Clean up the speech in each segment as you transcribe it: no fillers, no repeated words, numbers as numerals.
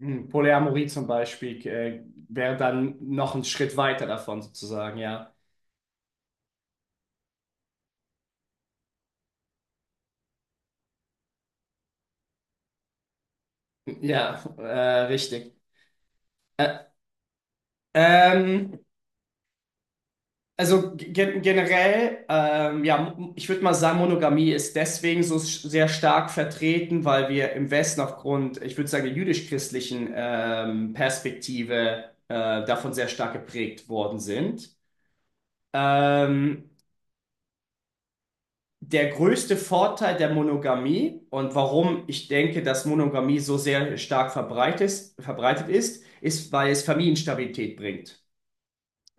Hm, Polyamorie zum Beispiel wäre dann noch ein Schritt weiter davon sozusagen, ja. Ja, richtig. Ä- ähm, also ge generell, ja, ich würde mal sagen, Monogamie ist deswegen so sehr stark vertreten, weil wir im Westen aufgrund, ich würde sagen, der jüdisch-christlichen Perspektive davon sehr stark geprägt worden sind. Ähm, Der größte Vorteil der Monogamie und warum ich denke, dass Monogamie so sehr stark verbreitet ist, weil es Familienstabilität bringt.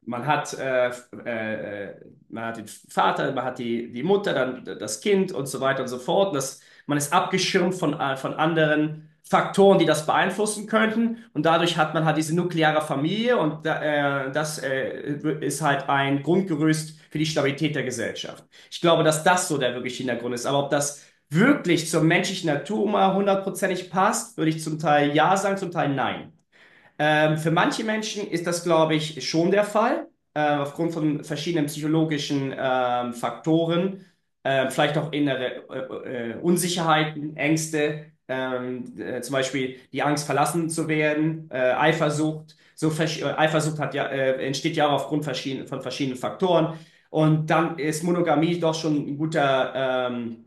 Man hat, äh, äh, äh, man hat den Vater, man hat die Mutter, dann das Kind und so weiter und so fort. Man ist abgeschirmt von anderen Faktoren, die das beeinflussen könnten. Und dadurch hat man halt diese nukleare Familie und da das ist halt ein Grundgerüst für die Stabilität der Gesellschaft. Ich glaube, dass das so der wirkliche Hintergrund ist. Aber ob das wirklich zur menschlichen Natur mal hundertprozentig passt, würde ich zum Teil ja sagen, zum Teil nein. Für manche Menschen ist das, glaube ich, schon der Fall, aufgrund von verschiedenen psychologischen Faktoren, vielleicht auch innere Unsicherheiten, Ängste, zum Beispiel die Angst, verlassen zu werden, Eifersucht. Eifersucht entsteht ja auch aufgrund von verschiedenen Faktoren. Und dann ist Monogamie doch schon ein guter ähm,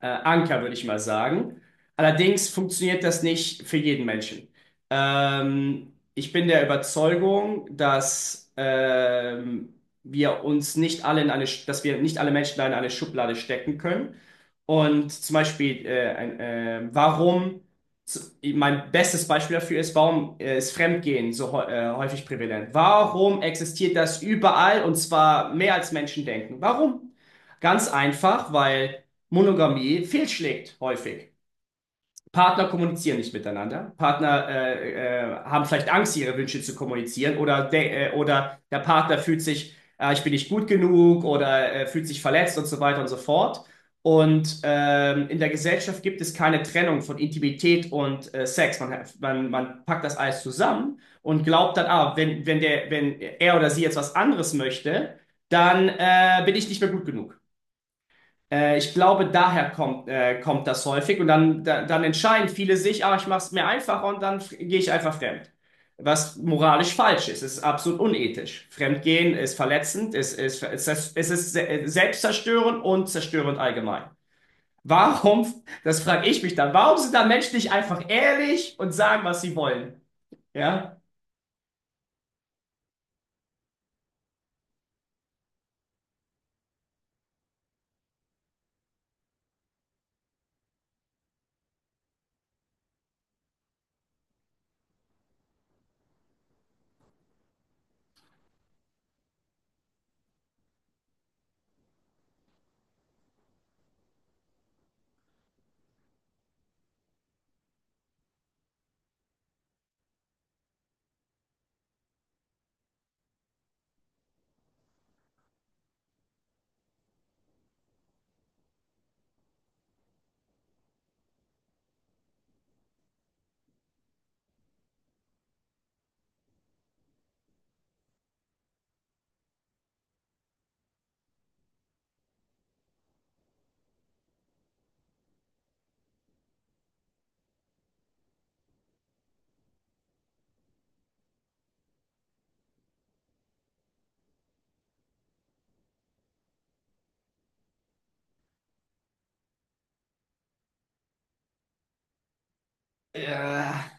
Anker, würde ich mal sagen. Allerdings funktioniert das nicht für jeden Menschen. Ich bin der Überzeugung, dass wir uns nicht alle in eine, dass wir nicht alle Menschen da in eine Schublade stecken können. Und zum Beispiel, mein bestes Beispiel dafür ist: warum ist Fremdgehen so häufig prävalent? Warum existiert das überall und zwar mehr als Menschen denken? Warum? Ganz einfach, weil Monogamie fehlschlägt häufig. Partner kommunizieren nicht miteinander. Partner haben vielleicht Angst, ihre Wünsche zu kommunizieren oder der Partner fühlt sich, ich bin nicht gut genug, oder fühlt sich verletzt und so weiter und so fort. Und in der Gesellschaft gibt es keine Trennung von Intimität und Sex. Man packt das alles zusammen und glaubt dann, ah, wenn er oder sie jetzt was anderes möchte, dann bin ich nicht mehr gut genug. Ich glaube, daher kommt das häufig und dann entscheiden viele sich, ah, ich mache es mir einfacher und dann gehe ich einfach fremd. Was moralisch falsch ist. Es ist absolut unethisch. Fremdgehen ist verletzend, es ist, es ist, es ist se- selbstzerstörend und zerstörend allgemein. Warum, das frage ich mich dann, warum sind da Menschen nicht einfach ehrlich und sagen, was sie wollen? Ja? Ja.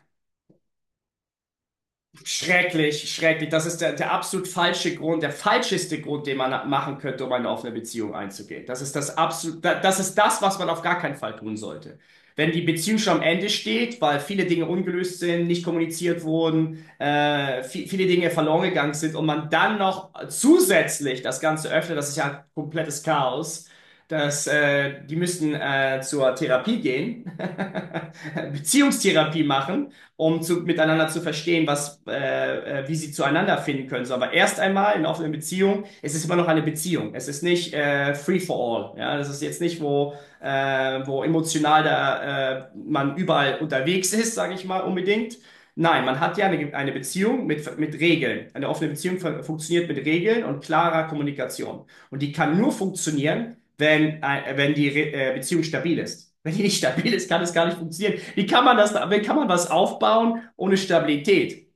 Schrecklich, schrecklich. Das ist der absolut falsche Grund, der falscheste Grund, den man machen könnte, um eine offene Beziehung einzugehen. Das ist das das ist das, was man auf gar keinen Fall tun sollte. Wenn die Beziehung schon am Ende steht, weil viele Dinge ungelöst sind, nicht kommuniziert wurden, viele Dinge verloren gegangen sind und man dann noch zusätzlich das Ganze öffnet, das ist ja ein komplettes Chaos. Dass, die müssten zur Therapie gehen, Beziehungstherapie machen, um miteinander zu verstehen, wie sie zueinander finden können. So, aber erst einmal, in offenen Beziehungen, es ist immer noch eine Beziehung. Es ist nicht free for all. Ja, das ist jetzt nicht, wo emotional da man überall unterwegs ist, sage ich mal unbedingt. Nein, man hat ja eine Beziehung mit Regeln. Eine offene Beziehung funktioniert mit Regeln und klarer Kommunikation. Und die kann nur funktionieren, wenn die Re Beziehung stabil ist. Wenn die nicht stabil ist, kann es gar nicht funktionieren. Wie kann man das, wie kann man was aufbauen ohne Stabilität?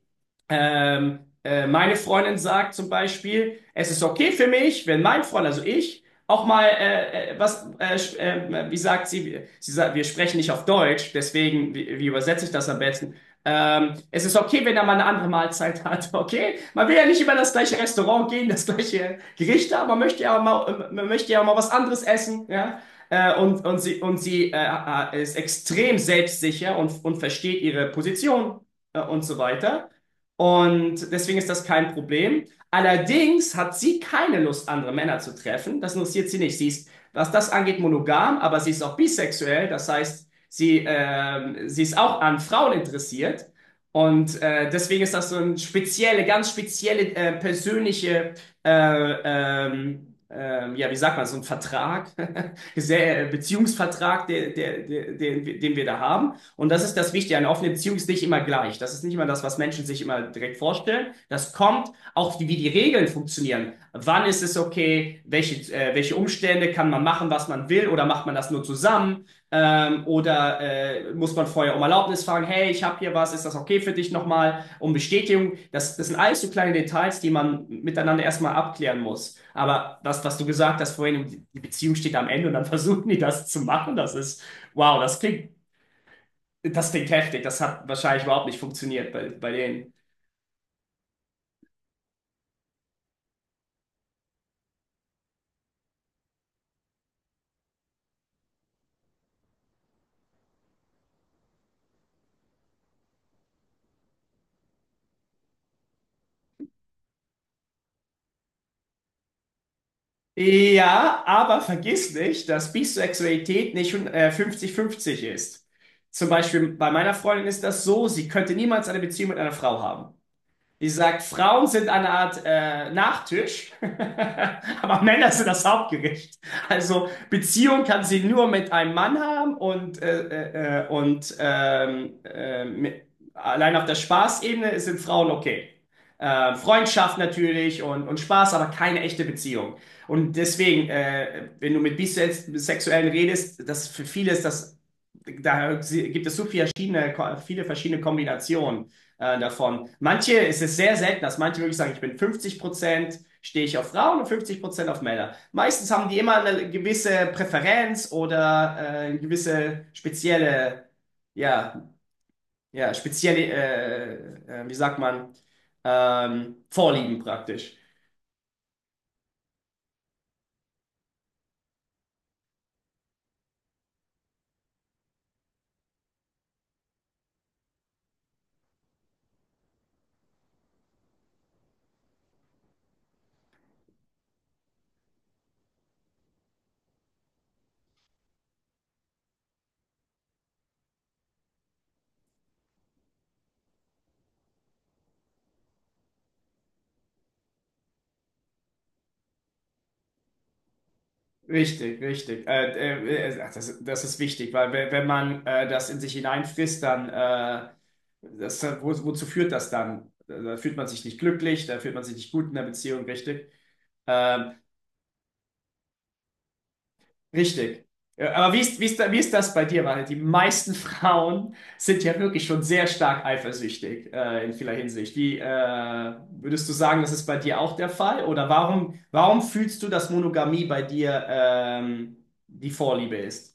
Meine Freundin sagt zum Beispiel, es ist okay für mich, wenn mein Freund, also ich, auch mal wie sagt sie, sie sagt, wir sprechen nicht auf Deutsch, deswegen, wie, wie übersetze ich das am besten? Es ist okay, wenn er mal eine andere Mahlzeit hat, okay? Man will ja nicht immer das gleiche Restaurant gehen, das gleiche Gericht, aber man möchte ja auch mal, man möchte ja auch mal was anderes essen, ja? Und sie ist extrem selbstsicher und versteht ihre Position, und so weiter. Und deswegen ist das kein Problem. Allerdings hat sie keine Lust, andere Männer zu treffen. Das interessiert sie nicht. Sie ist, was das angeht, monogam, aber sie ist auch bisexuell. Das heißt, sie, sie ist auch an Frauen interessiert. Und deswegen ist das so eine spezielle, ganz spezielle persönliche, ja, wie sagt man, so ein Vertrag, Beziehungsvertrag, den wir da haben. Und das ist das Wichtige. Eine offene Beziehung ist nicht immer gleich. Das ist nicht immer das, was Menschen sich immer direkt vorstellen. Das kommt auch, wie die Regeln funktionieren. Wann ist es okay? Welche Umstände? Kann man machen, was man will? Oder macht man das nur zusammen? Oder muss man vorher um Erlaubnis fragen? Hey, ich habe hier was. Ist das okay für dich nochmal? Um Bestätigung. Das sind alles so kleine Details, die man miteinander erstmal abklären muss. Aber das, was du gesagt hast vorhin, die Beziehung steht am Ende und dann versuchen die das zu machen. Das ist, wow, das klingt heftig, das hat wahrscheinlich überhaupt nicht funktioniert bei denen. Ja, aber vergiss nicht, dass Bisexualität nicht 50-50 ist. Zum Beispiel bei meiner Freundin ist das so, sie könnte niemals eine Beziehung mit einer Frau haben. Ich sag, Frauen sind eine Art Nachtisch, aber Männer sind das Hauptgericht. Also Beziehung kann sie nur mit einem Mann haben, und allein auf der Spaßebene sind Frauen okay. Freundschaft natürlich und Spaß, aber keine echte Beziehung. Und deswegen, wenn du mit Bisexuellen redest, das für viele ist das, da gibt es so viele verschiedene Kombinationen davon. Manche, es ist sehr selten, dass manche wirklich sagen, ich bin 50% stehe ich auf Frauen und 50% auf Männer. Meistens haben die immer eine gewisse Präferenz oder eine gewisse spezielle, ja, ja, spezielle, wie sagt man, Vorlieben praktisch. Richtig, richtig. Ach, das ist wichtig, weil wenn man das in sich hineinfrisst, dann wozu führt das dann? Da fühlt man sich nicht glücklich, da fühlt man sich nicht gut in der Beziehung, richtig? Ähm, Richtig. Ja, aber wie ist das bei dir? Weil die meisten Frauen sind ja wirklich schon sehr stark eifersüchtig, in vieler Hinsicht. Wie würdest du sagen, das ist bei dir auch der Fall? Oder warum fühlst du, dass Monogamie bei dir die Vorliebe ist?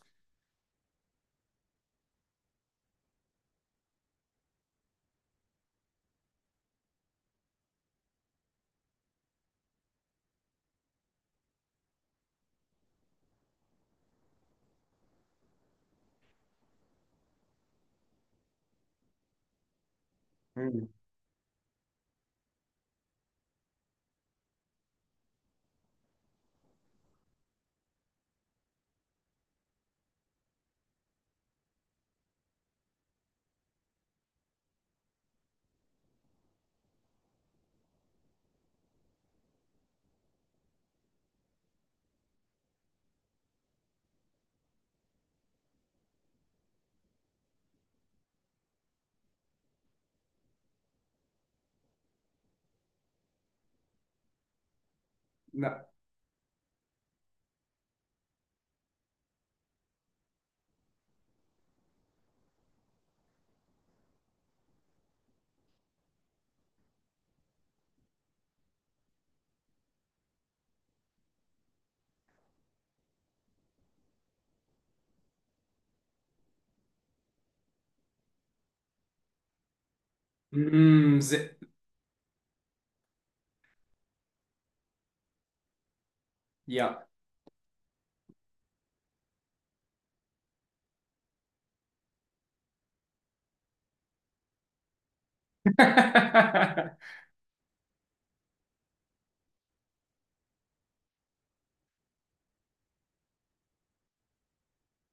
Na, mm, ja.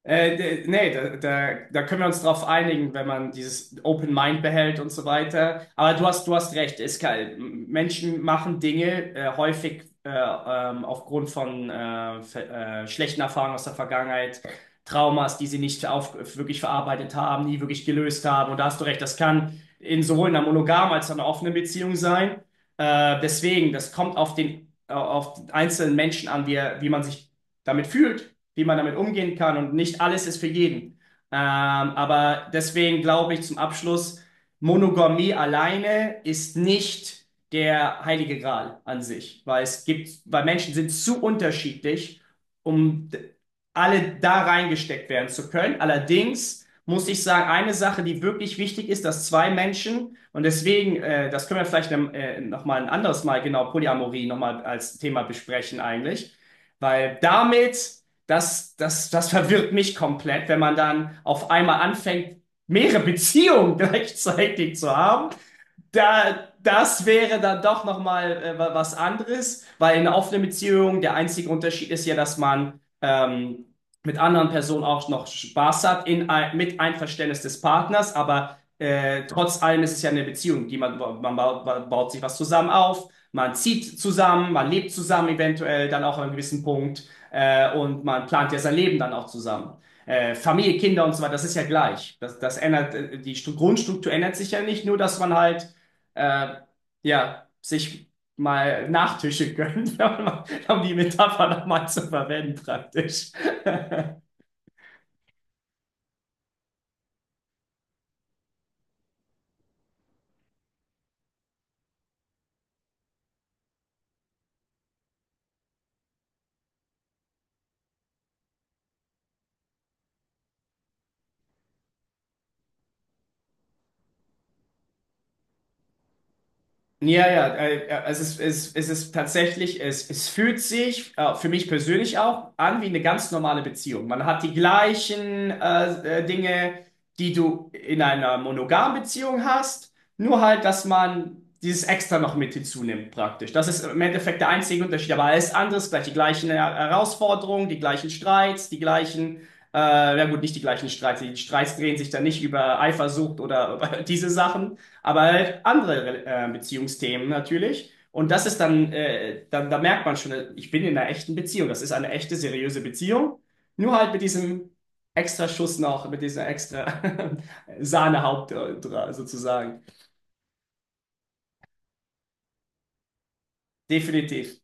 Nee, da können wir uns drauf einigen, wenn man dieses Open Mind behält und so weiter. Aber du hast recht, Menschen machen Dinge häufig, aufgrund von schlechten Erfahrungen aus der Vergangenheit, Traumas, die sie nicht wirklich verarbeitet haben, nie wirklich gelöst haben. Und da hast du recht, das kann in sowohl einer monogamen als auch einer offenen Beziehung sein. Deswegen, das kommt auf den einzelnen Menschen an, wie man sich damit fühlt, wie man damit umgehen kann, und nicht alles ist für jeden. Aber deswegen glaube ich, zum Abschluss, Monogamie alleine ist nicht der heilige Gral an sich, weil weil Menschen sind zu unterschiedlich, um alle da reingesteckt werden zu können. Allerdings muss ich sagen, eine Sache, die wirklich wichtig ist, dass zwei Menschen, und deswegen, das können wir vielleicht, ne, nochmal ein anderes Mal, genau, Polyamorie nochmal als Thema besprechen eigentlich, weil damit das verwirrt mich komplett, wenn man dann auf einmal anfängt, mehrere Beziehungen gleichzeitig zu haben. Das wäre dann doch nochmal was anderes, weil in einer offenen Beziehung der einzige Unterschied ist ja, dass man mit anderen Personen auch noch Spaß hat, in, mit Einverständnis des Partners, aber trotz allem ist es ja eine Beziehung, die man baut sich was zusammen auf, man zieht zusammen, man lebt zusammen eventuell dann auch an einem gewissen Punkt, und man plant ja sein Leben dann auch zusammen. Familie, Kinder und so weiter, das ist ja gleich. Das, das ändert, die Grundstruktur ändert sich ja nicht, nur dass man halt äh, ja, sich mal Nachtische gönnt, um die Metapher nochmal zu verwenden, praktisch. Ja, ja, ja, es ist tatsächlich, es fühlt sich für mich persönlich auch an wie eine ganz normale Beziehung. Man hat die gleichen Dinge, die du in einer monogamen Beziehung hast, nur halt, dass man dieses Extra noch mit hinzunimmt praktisch. Das ist im Endeffekt der einzige Unterschied, aber alles andere ist gleich: die gleichen Herausforderungen, die gleichen Streits, die gleichen, ja gut, nicht die gleichen Streits, die Streits drehen sich dann nicht über Eifersucht oder über diese Sachen, aber halt andere Beziehungsthemen natürlich. Und das ist dann, da merkt man schon, ich bin in einer echten Beziehung. Das ist eine echte, seriöse Beziehung. Nur halt mit diesem extra Schuss noch, mit dieser extra Sahnehaupt sozusagen. Definitiv.